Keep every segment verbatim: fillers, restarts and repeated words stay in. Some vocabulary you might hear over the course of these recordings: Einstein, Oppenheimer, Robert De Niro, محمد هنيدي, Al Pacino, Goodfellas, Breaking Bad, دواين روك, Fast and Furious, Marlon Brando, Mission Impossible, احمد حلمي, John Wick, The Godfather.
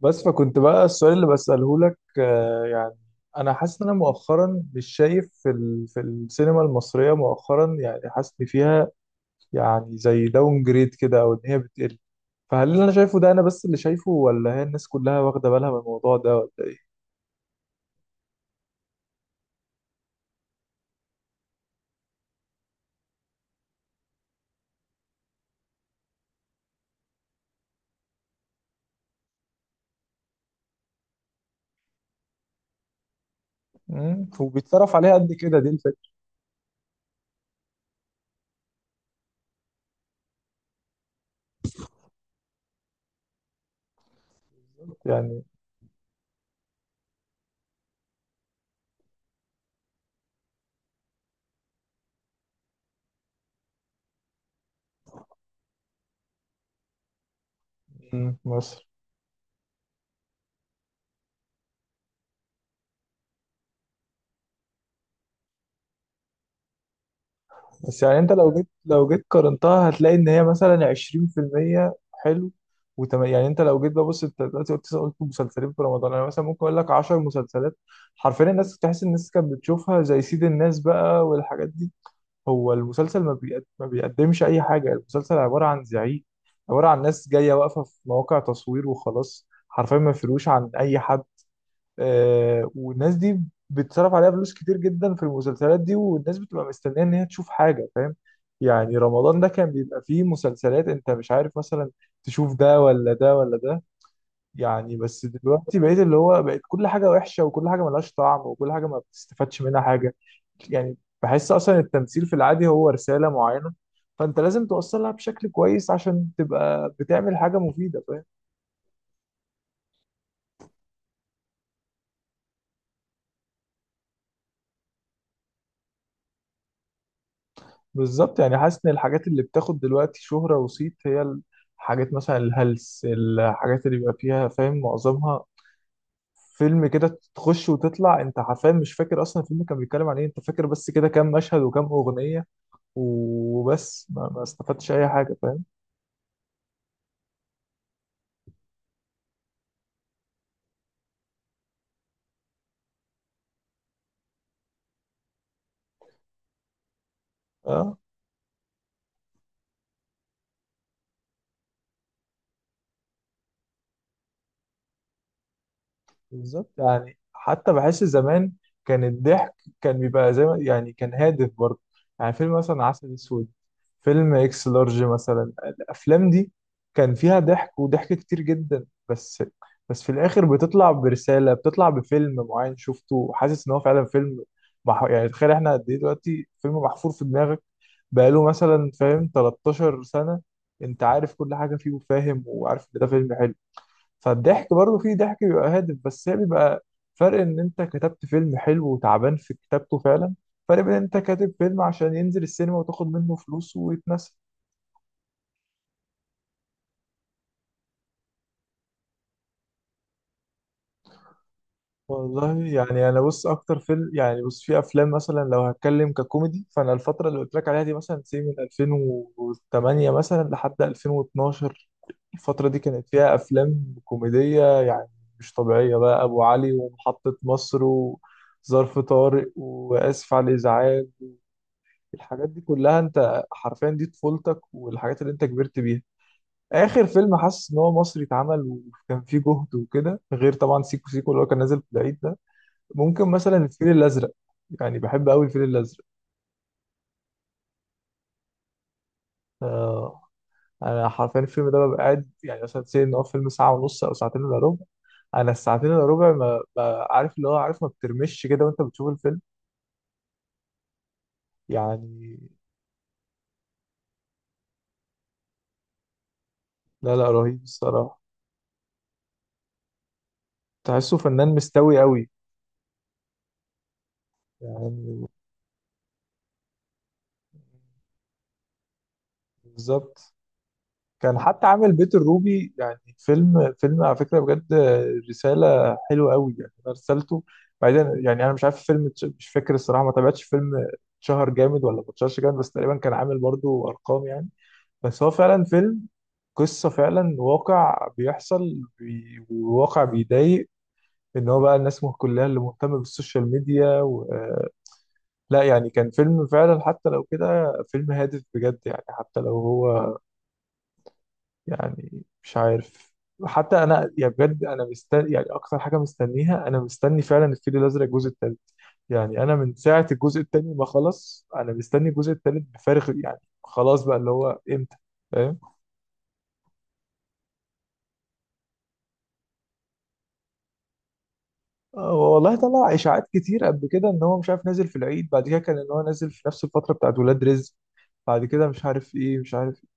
بس فكنت بقى السؤال اللي بسأله لك آه، يعني انا حاسس ان انا مؤخرا مش شايف في ال... في السينما المصرية مؤخرا، يعني حاسس ان فيها يعني زي داون جريد كده، او ان هي بتقل. فهل اللي انا شايفه ده انا بس اللي شايفه، ولا هي الناس كلها واخدة بالها من الموضوع ده، ولا ايه؟ مم، وبيتصرف عليها قد كده؟ دي الفكرة يعني. مم، مصر. بس يعني انت لو جيت لو جيت قارنتها هتلاقي ان هي مثلا عشرين في المية حلو وتم... يعني انت لو جيت ببص انت دلوقتي قلت قلت مسلسلين في رمضان، انا مثلا ممكن اقول لك عشر مسلسلات حرفيا الناس تحس. الناس كانت بتشوفها زي سيد الناس بقى والحاجات دي. هو المسلسل ما, بيقد... ما بيقدمش اي حاجه. المسلسل عباره عن زعيق، عباره عن ناس جايه واقفه في مواقع تصوير وخلاص، حرفيا ما فيروش عن اي حد. آه والناس دي بيتصرف عليها فلوس كتير جدا في المسلسلات دي، والناس بتبقى مستنيه ان هي تشوف حاجه، فاهم؟ يعني رمضان ده كان بيبقى فيه مسلسلات انت مش عارف مثلا تشوف ده ولا ده ولا ده، يعني. بس دلوقتي بقيت اللي هو بقت كل حاجه وحشه، وكل حاجه ملهاش طعم، وكل حاجه ما بتستفادش منها حاجه. يعني بحس اصلا التمثيل في العادي هو رساله معينه، فانت لازم توصلها بشكل كويس عشان تبقى بتعمل حاجه مفيده، فاهم؟ بالظبط. يعني حاسس ان الحاجات اللي بتاخد دلوقتي شهرة وصيت هي الحاجات مثلا الهلس، الحاجات اللي بيبقى فيها فاهم معظمها فيلم كده تخش وتطلع، انت حرفيا مش فاكر اصلا الفيلم كان بيتكلم عن ايه. انت فاكر بس كده كام مشهد وكام اغنية وبس، ما, ما استفدتش اي حاجة، فاهم. اه بالظبط. يعني حتى بحس زمان كان الضحك كان بيبقى زي ما يعني كان هادف برضه. يعني فيلم مثلا عسل اسود، فيلم اكس لارج مثلا. الافلام دي كان فيها ضحك، وضحك كتير جدا، بس بس في الاخر بتطلع برسالة، بتطلع بفيلم معين شفته وحاسس ان هو فعلا فيلم. مح... يعني تخيل احنا قد ايه دلوقتي فيلم محفور في دماغك بقاله مثلا فاهم 13 سنة. انت عارف كل حاجة فيه وفاهم، وعارف ان ده فيلم حلو. فالضحك برضه فيه ضحك بيبقى هادف، بس هي بيبقى فرق ان انت كتبت فيلم حلو وتعبان في كتابته فعلا، فرق بين ان انت كاتب فيلم عشان ينزل السينما وتاخد منه فلوس ويتنسى. والله يعني انا بص اكتر فيلم، يعني بص في افلام مثلا لو هتكلم ككوميدي، فانا الفتره اللي قلت لك عليها دي مثلا سي من ألفين وتمانية مثلا لحد ألفين واتناشر، الفتره دي كانت فيها افلام كوميديه يعني مش طبيعيه بقى. ابو علي، ومحطه مصر، و... ظرف طارق، وآسف على الإزعاج، الحاجات دي كلها، انت حرفيا دي طفولتك، والحاجات اللي انت كبرت بيها. اخر فيلم حاسس ان هو مصري اتعمل وكان فيه جهد وكده، غير طبعا سيكو سيكو اللي هو كان نازل في العيد ده، ممكن مثلا الفيل الازرق. يعني بحب قوي الفيل الازرق. آه، انا حرفيا الفيلم ده ببقى قاعد، يعني مثلا سي ان هو فيلم ساعه ونص او ساعتين الا ربع، انا الساعتين الا ربع ما ما- عارف اللي هو عارف، ما بترمش كده وانت بتشوف الفيلم يعني. لا لا، رهيب الصراحه. تحسه فنان مستوي قوي يعني، بالظبط. كان حتى عامل بيت الروبي، يعني فيلم فيلم على فكرة بجد، رسالة حلوة قوي يعني، أنا رسالته. بعدين يعني أنا مش عارف الفيلم اتش- مش فاكر الصراحة، ما تابعتش فيلم اتشهر جامد ولا ما اتشهرش جامد، بس تقريبا كان عامل برضو أرقام يعني. بس هو فعلا فيلم قصة، فعلا واقع بيحصل بي- وواقع بيضايق، إن هو بقى الناس كلها اللي مهتمة بالسوشيال ميديا و... لا يعني كان فيلم فعلا، حتى لو كده فيلم هادف بجد، يعني حتى لو هو يعني، مش عارف. حتى انا يعني بجد انا مستني، يعني اكتر حاجه مستنيها انا مستني فعلا الفيل الازرق الجزء الثالث. يعني انا من ساعه الجزء الثاني ما خلص، انا مستني الجزء الثالث بفارغ، يعني خلاص بقى اللي هو امتى، فاهم. آه، والله طلع اشاعات كتير قبل كده، ان هو مش عارف نازل في العيد، بعد كده كان ان هو نازل في نفس الفتره بتاعت ولاد رزق، بعد كده مش عارف ايه مش عارف إيه،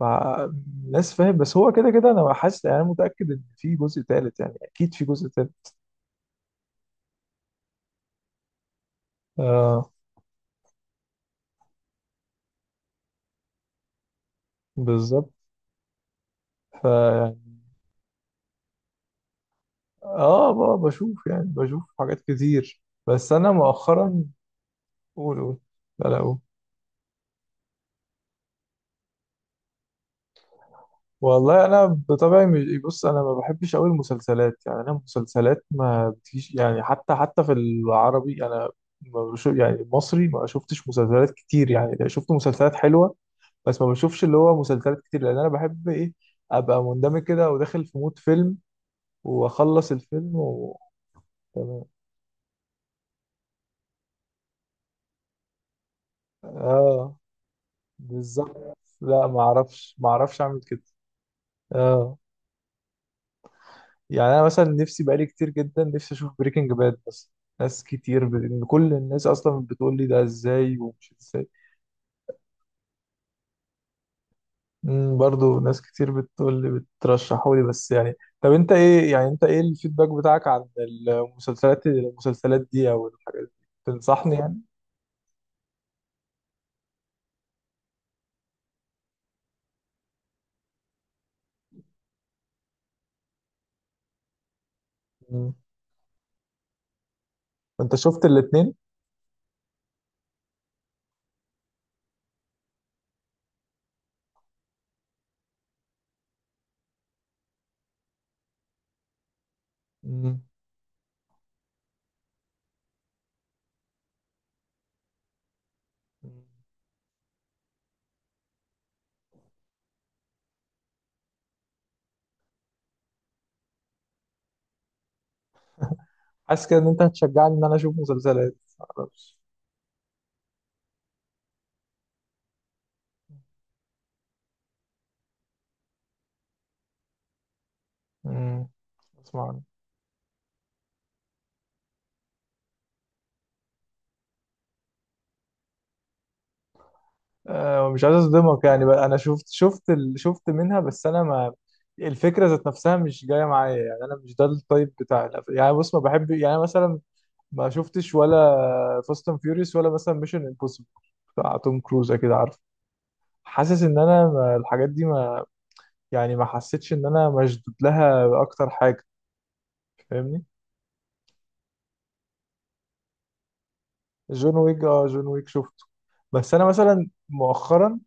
مع ناس فاهم. بس هو كده كده انا حاسس، يعني أنا متاكد ان في جزء ثالث، يعني اكيد في جزء ثالث. آه بالظبط. ف اه ب- بشوف يعني، بشوف حاجات كتير، بس انا مؤخرا. قول قول. لا لا قول. والله انا بطبعي مش بص، انا ما بحبش قوي المسلسلات يعني، انا المسلسلات ما بتجيش يعني، حتى حتى في العربي، انا ما بشوف يعني. المصري ما شفتش مسلسلات كتير، يعني لا، شفت مسلسلات حلوه، بس ما بشوفش اللي هو مسلسلات كتير. لان انا بحب ايه؟ ابقى مندمج كده وداخل في مود فيلم واخلص الفيلم و... تمام. اه بالظبط، لا ما اعرفش ما اعرفش اعمل كده. اه يعني انا مثلا نفسي بقالي كتير جدا، نفسي اشوف بريكنج باد، بس ناس كتير ب... إن كل الناس اصلا بتقول لي ده ازاي ومش ازاي. امم برضو ناس كتير بتقول لي، بترشحوا لي، بس يعني. طب انت ايه، يعني انت ايه الفيدباك بتاعك عن المسلسلات المسلسلات دي، او الحاجات دي تنصحني يعني؟ امم. انت شفت الاتنين؟ امم. حاسس كده ان انت هتشجعني ان انا اشوف مسلسلات، معرفش. امم اسمع. آه، مش عايز اصدمك يعني، بقى انا شفت، شفت ال... شفت منها بس انا ما، الفكره ذات نفسها مش جايه معايا يعني. انا مش ده التايب بتاع الأف- يعني بص ما بحب يعني مثلا، ما شفتش ولا فاست اند فيوريوس، ولا مثلا ميشن امبوسيبل بتاع توم كروز كده، عارف؟ حاسس ان انا ما، الحاجات دي ما، يعني ما حسيتش ان انا مشدود لها اكتر حاجه، فاهمني. جون ويك، اه جون ويك شفته. بس انا مثلا مؤخرا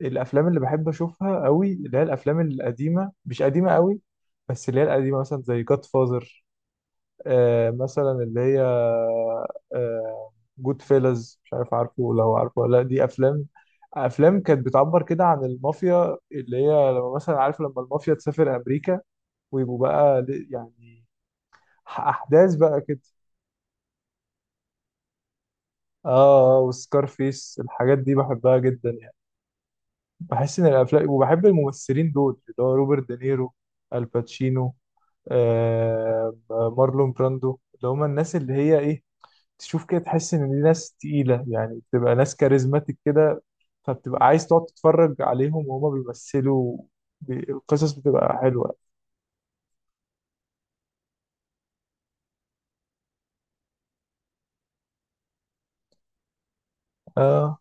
الافلام اللي بحب اشوفها قوي اللي هي الافلام القديمه، مش قديمه قوي بس اللي هي القديمه، مثلا زي جاد فازر، آه مثلا اللي هي، آه جود فيلز، مش عارف عارفه ولا هو عارفه ولا لا، دي افلام، افلام كانت بتعبر كده عن المافيا، اللي هي لما مثلا عارف لما المافيا تسافر امريكا، ويبقوا بقى ل- يعني احداث بقى كده. اه وسكار فيس، الحاجات دي بحبها جدا يعني. بحس ان الافلام، وبحب الممثلين دول، اللي هو روبرت دينيرو، الباتشينو، آه، مارلون براندو، اللي هما الناس اللي هي ايه، تشوف كده تحس ان دي ناس تقيلة يعني، بتبقى ناس كاريزماتيك كده، فبتبقى عايز تقعد تتفرج عليهم وهما بيمثلوا. بي- القصص بتبقى حلوة. آه.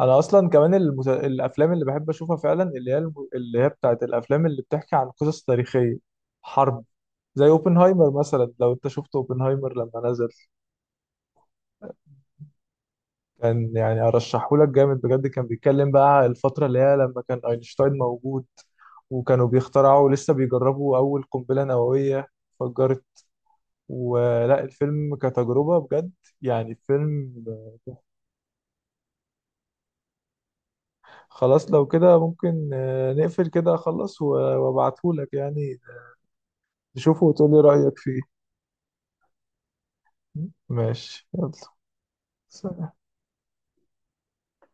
انا اصلا كمان المس... الافلام اللي بحب اشوفها فعلا اللي هي الم... اللي هي بتاعت الافلام اللي بتحكي عن قصص تاريخية، حرب، زي اوبنهايمر مثلا. لو انت شفت اوبنهايمر لما نزل. كان يعني ارشحه لك جامد بجد، كان بيتكلم بقى على الفتره اللي هي لما كان اينشتاين موجود، وكانوا بيخترعوا، لسه بيجربوا اول قنبله نوويه فجرت، ولا الفيلم كتجربه بجد يعني فيلم. خلاص لو كده ممكن آه، نقفل كده اخلص و- وابعته لك يعني، تشوفه وتقولي رايك فيه. ماشي يلا، سلام.